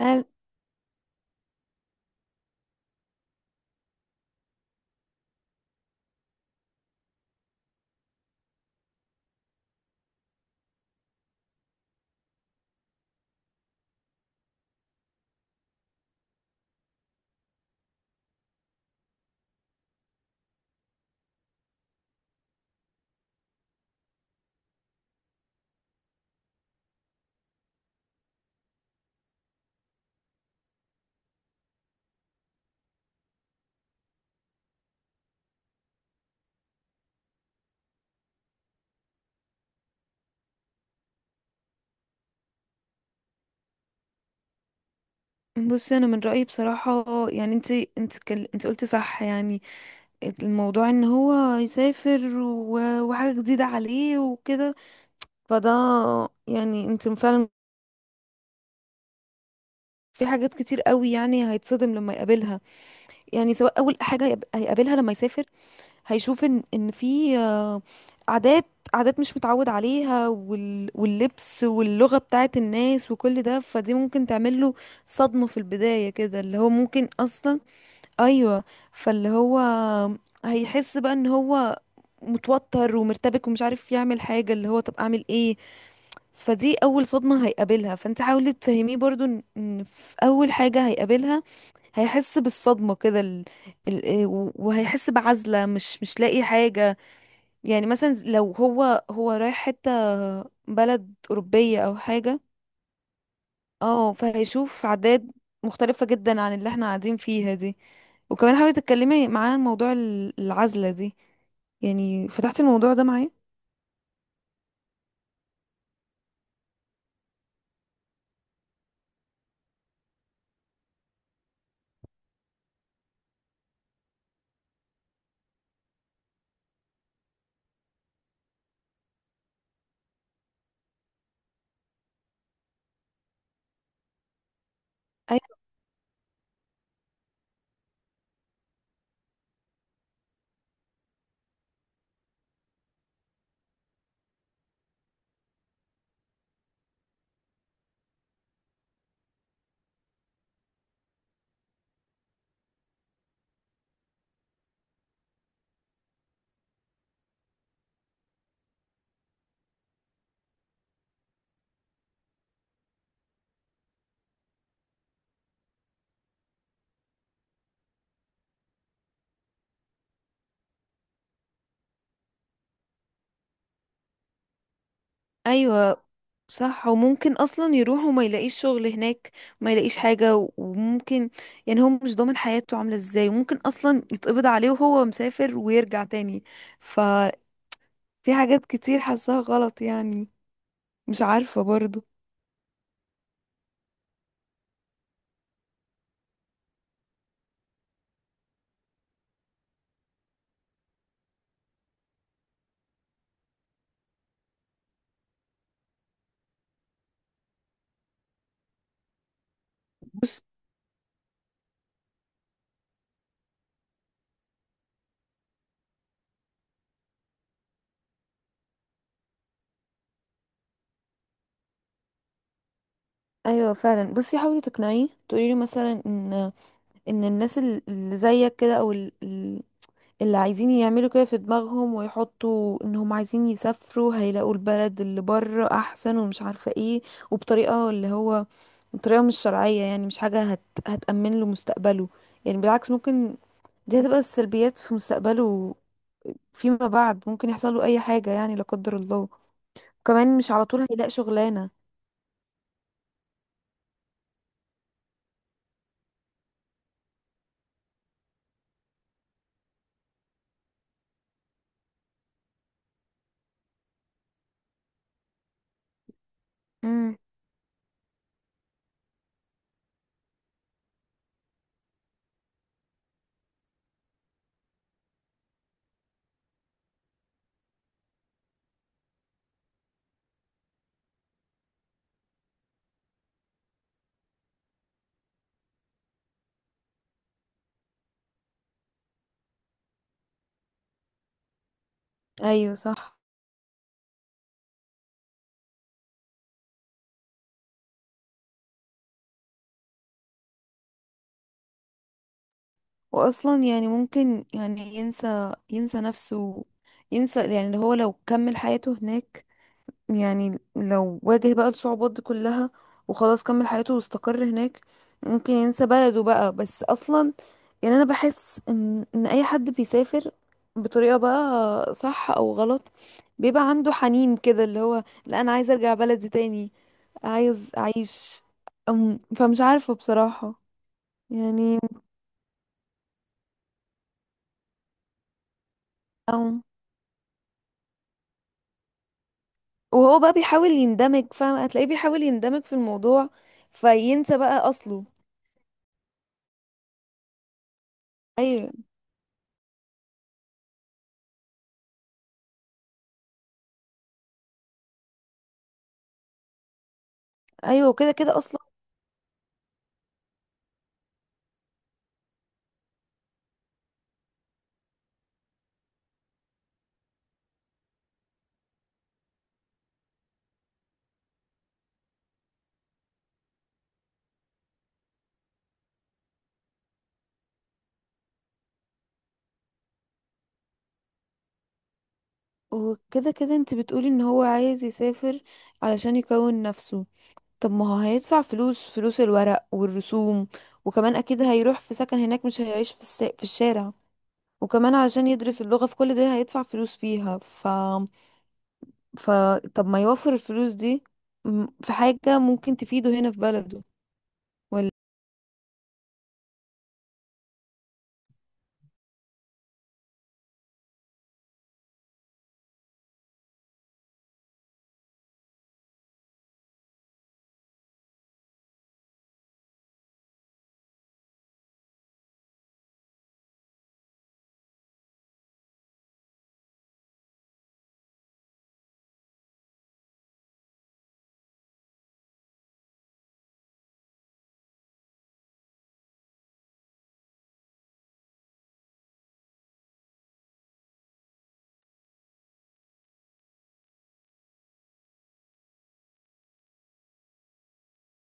قال. بصي انا من رايي بصراحه، انت كل... انت قلتي صح، الموضوع ان هو يسافر و... وحاجه جديده عليه وكده، فده، انت فعلا في حاجات كتير قوي، يعني هيتصدم لما يقابلها. يعني سواء اول حاجه هيقابلها لما يسافر، هيشوف ان في عادات، مش متعود عليها، واللبس واللغه بتاعت الناس وكل ده، فدي ممكن تعمل له صدمه في البدايه كده، اللي هو ممكن اصلا. ايوه. فاللي هو هيحس بقى ان هو متوتر ومرتبك ومش عارف يعمل حاجة، اللي هو طب اعمل ايه؟ فدي اول صدمة هيقابلها. فانت حاولي تفهميه برضو ان في اول حاجة هيقابلها، هيحس بالصدمة كده، وهيحس بعزلة، مش لاقي حاجة. يعني مثلا لو هو رايح حتة، بلد أوروبية أو حاجة. اه، فهيشوف عادات مختلفة جدا عن اللي احنا قاعدين فيها دي. وكمان حاولي تتكلمي معاه عن موضوع العزلة دي. يعني فتحتي الموضوع ده معاه؟ أي- ايوه صح. وممكن اصلا يروح وما يلاقيش شغل هناك، وما يلاقيش حاجة. وممكن، يعني هو مش ضامن حياته عاملة ازاي، وممكن اصلا يتقبض عليه وهو مسافر ويرجع تاني. ففي حاجات كتير حاساها غلط يعني. مش عارفة برضو. بص. ايوه فعلا. بصي حاولي تقنعيه، تقولي له مثلا ان الناس اللي زيك كده، او اللي عايزين يعملوا كده في دماغهم ويحطوا انهم عايزين يسافروا، هيلاقوا البلد اللي بره احسن ومش عارفة ايه، وبطريقة اللي هو بطريقة مش شرعية، يعني مش حاجة هتأمن له مستقبله. يعني بالعكس، ممكن دي هتبقى السلبيات في مستقبله فيما بعد. ممكن يحصل له اي حاجة يعني لا قدر الله. كمان مش على طول هيلاقي شغلانة. امم ايوه صح. واصلا يعني ممكن، يعني ينسى، نفسه، ينسى يعني اللي هو لو كمل حياته هناك. يعني لو واجه بقى الصعوبات دي كلها وخلاص كمل حياته واستقر هناك، ممكن ينسى بلده بقى. بس اصلا، يعني انا بحس ان اي حد بيسافر بطريقة بقى صح او غلط، بيبقى عنده حنين كده، اللي هو لا انا عايز ارجع بلدي تاني، عايز اعيش. فمش عارفة بصراحة يعني. وهو بقى بيحاول يندمج، فاهم، هتلاقيه بيحاول يندمج في الموضوع، فينسى بقى اصله. ايوه. ايوه وكده كده اصلا. وكده كده انت بتقولي ان هو عايز يسافر علشان يكون نفسه، طب ما هو هيدفع فلوس، فلوس الورق والرسوم، وكمان اكيد هيروح في سكن هناك، مش هيعيش في في الشارع، وكمان علشان يدرس اللغة، في كل ده هيدفع فلوس فيها. ف ف طب ما يوفر الفلوس دي في حاجة ممكن تفيده هنا في بلده.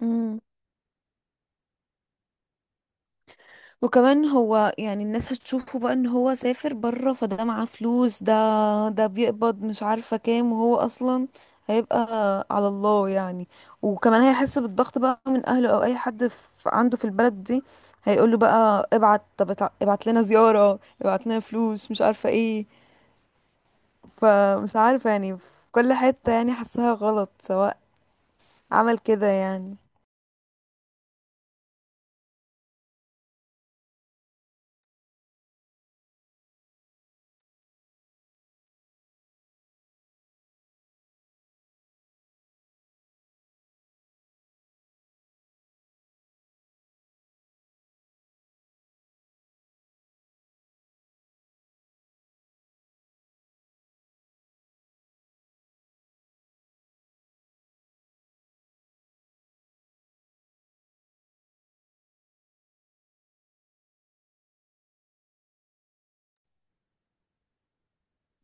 ولا. وكمان هو يعني الناس هتشوفه بقى ان هو سافر بره، فده معاه فلوس، ده بيقبض مش عارفة كام، وهو اصلا هيبقى على الله يعني. وكمان هيحس بالضغط بقى من اهله او اي حد في، عنده في البلد دي، هيقول له بقى ابعت، طب ابعت لنا زيارة، ابعت لنا فلوس، مش عارفة ايه. فمش عارفة يعني، في كل حتة يعني حاسها غلط سواء عمل كده يعني.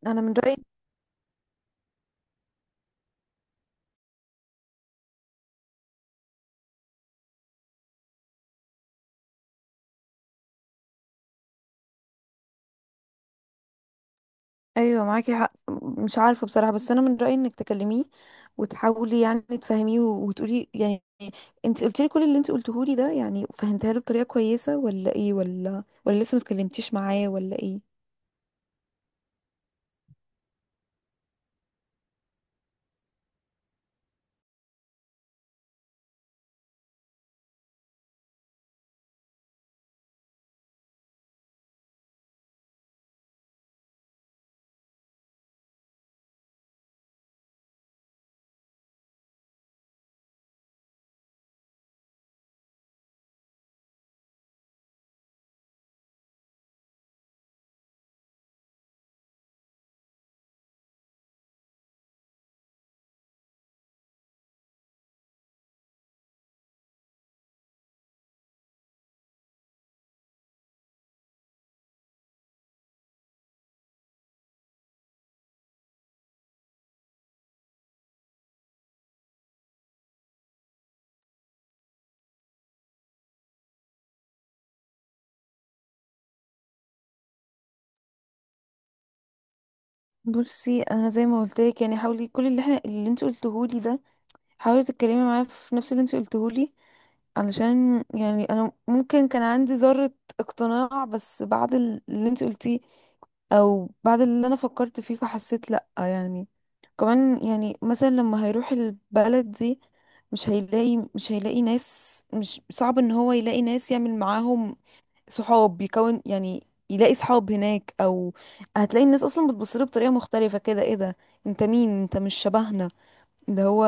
انا من رأيي. ايوه معاكي حق. مش عارفه بصراحه، بس انا من رايي انك تكلميه وتحاولي يعني تفهميه، وتقولي يعني انت قلت لي كل اللي انت قلته لي ده، يعني فهمتها له بطريقه كويسه؟ ولا ايه؟ ولا، لسه ما اتكلمتيش معاه؟ ولا ايه؟ بصي انا زي ما قلت لك، يعني حاولي كل اللي اللي انت قلته لي ده، حاولي تتكلمي معاه في نفس اللي انت قلته لي، علشان يعني انا ممكن كان عندي ذرة اقتناع، بس بعد اللي انت قلتيه او بعد اللي انا فكرت فيه، فحسيت لا يعني. كمان يعني مثلا لما هيروح البلد دي، مش هيلاقي، مش هيلاقي ناس، مش صعب ان هو يلاقي ناس يعمل معاهم صحاب، يكون يعني يلاقي صحاب هناك، او هتلاقي الناس اصلا بتبصله بطريقة مختلفة كده، ايه ده، انت مين؟ انت مش شبهنا. اللي هو.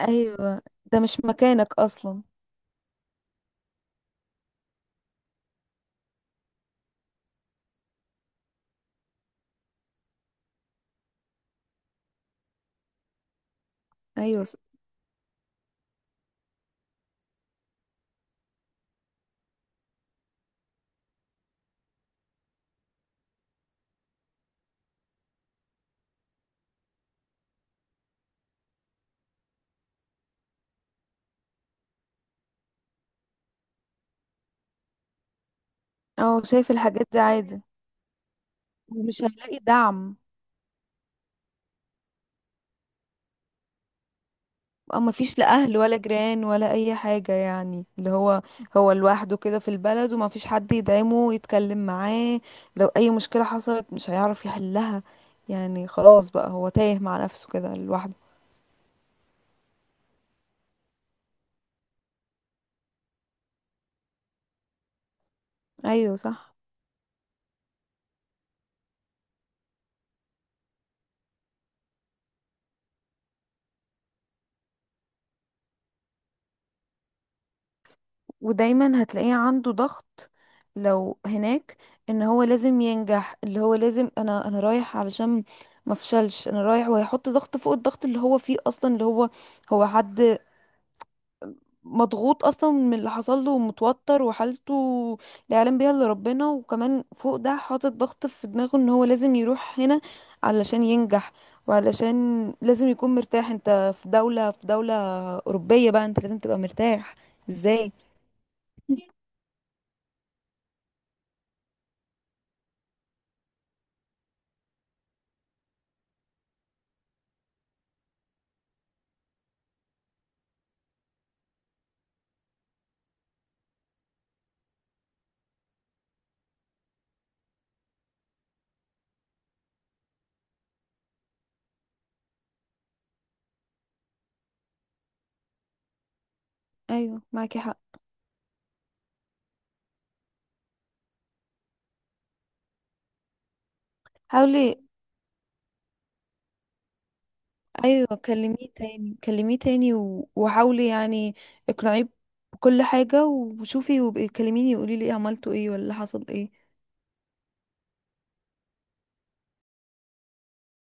ايوه، ده مش مكانك اصلا. ايوه. اه شايف الحاجات دي عادي. ومش هيلاقي دعم. او مفيش لا اهل ولا جيران ولا اي حاجة، يعني اللي هو هو لوحده كده في البلد، ومفيش حد يدعمه يتكلم معاه. لو اي مشكلة حصلت مش هيعرف يحلها. يعني خلاص بقى هو تايه مع نفسه كده لوحده. ايوه صح. ودايما هتلاقيه عنده ضغط لو هناك، ان هو لازم ينجح، اللي هو لازم، انا رايح علشان ما افشلش، انا رايح. وهيحط ضغط فوق الضغط اللي هو فيه اصلا، اللي هو هو حد مضغوط اصلا من اللي حصل له، ومتوتر، وحالته لا يعلم بيها الا ربنا. وكمان فوق ده حاطط ضغط في دماغه ان هو لازم يروح هنا علشان ينجح، وعلشان لازم يكون مرتاح. انت في دولة، في دولة أوروبية بقى، انت لازم تبقى مرتاح. ازاي؟ ايوه معاكي حق. حاولي. ايوه كلميه تاني، كلميه تاني، وحاولي يعني اقنعيه بكل حاجة، وشوفي، وبقي كلميني وقولي لي ايه، عملتوا ايه، ولا حصل ايه.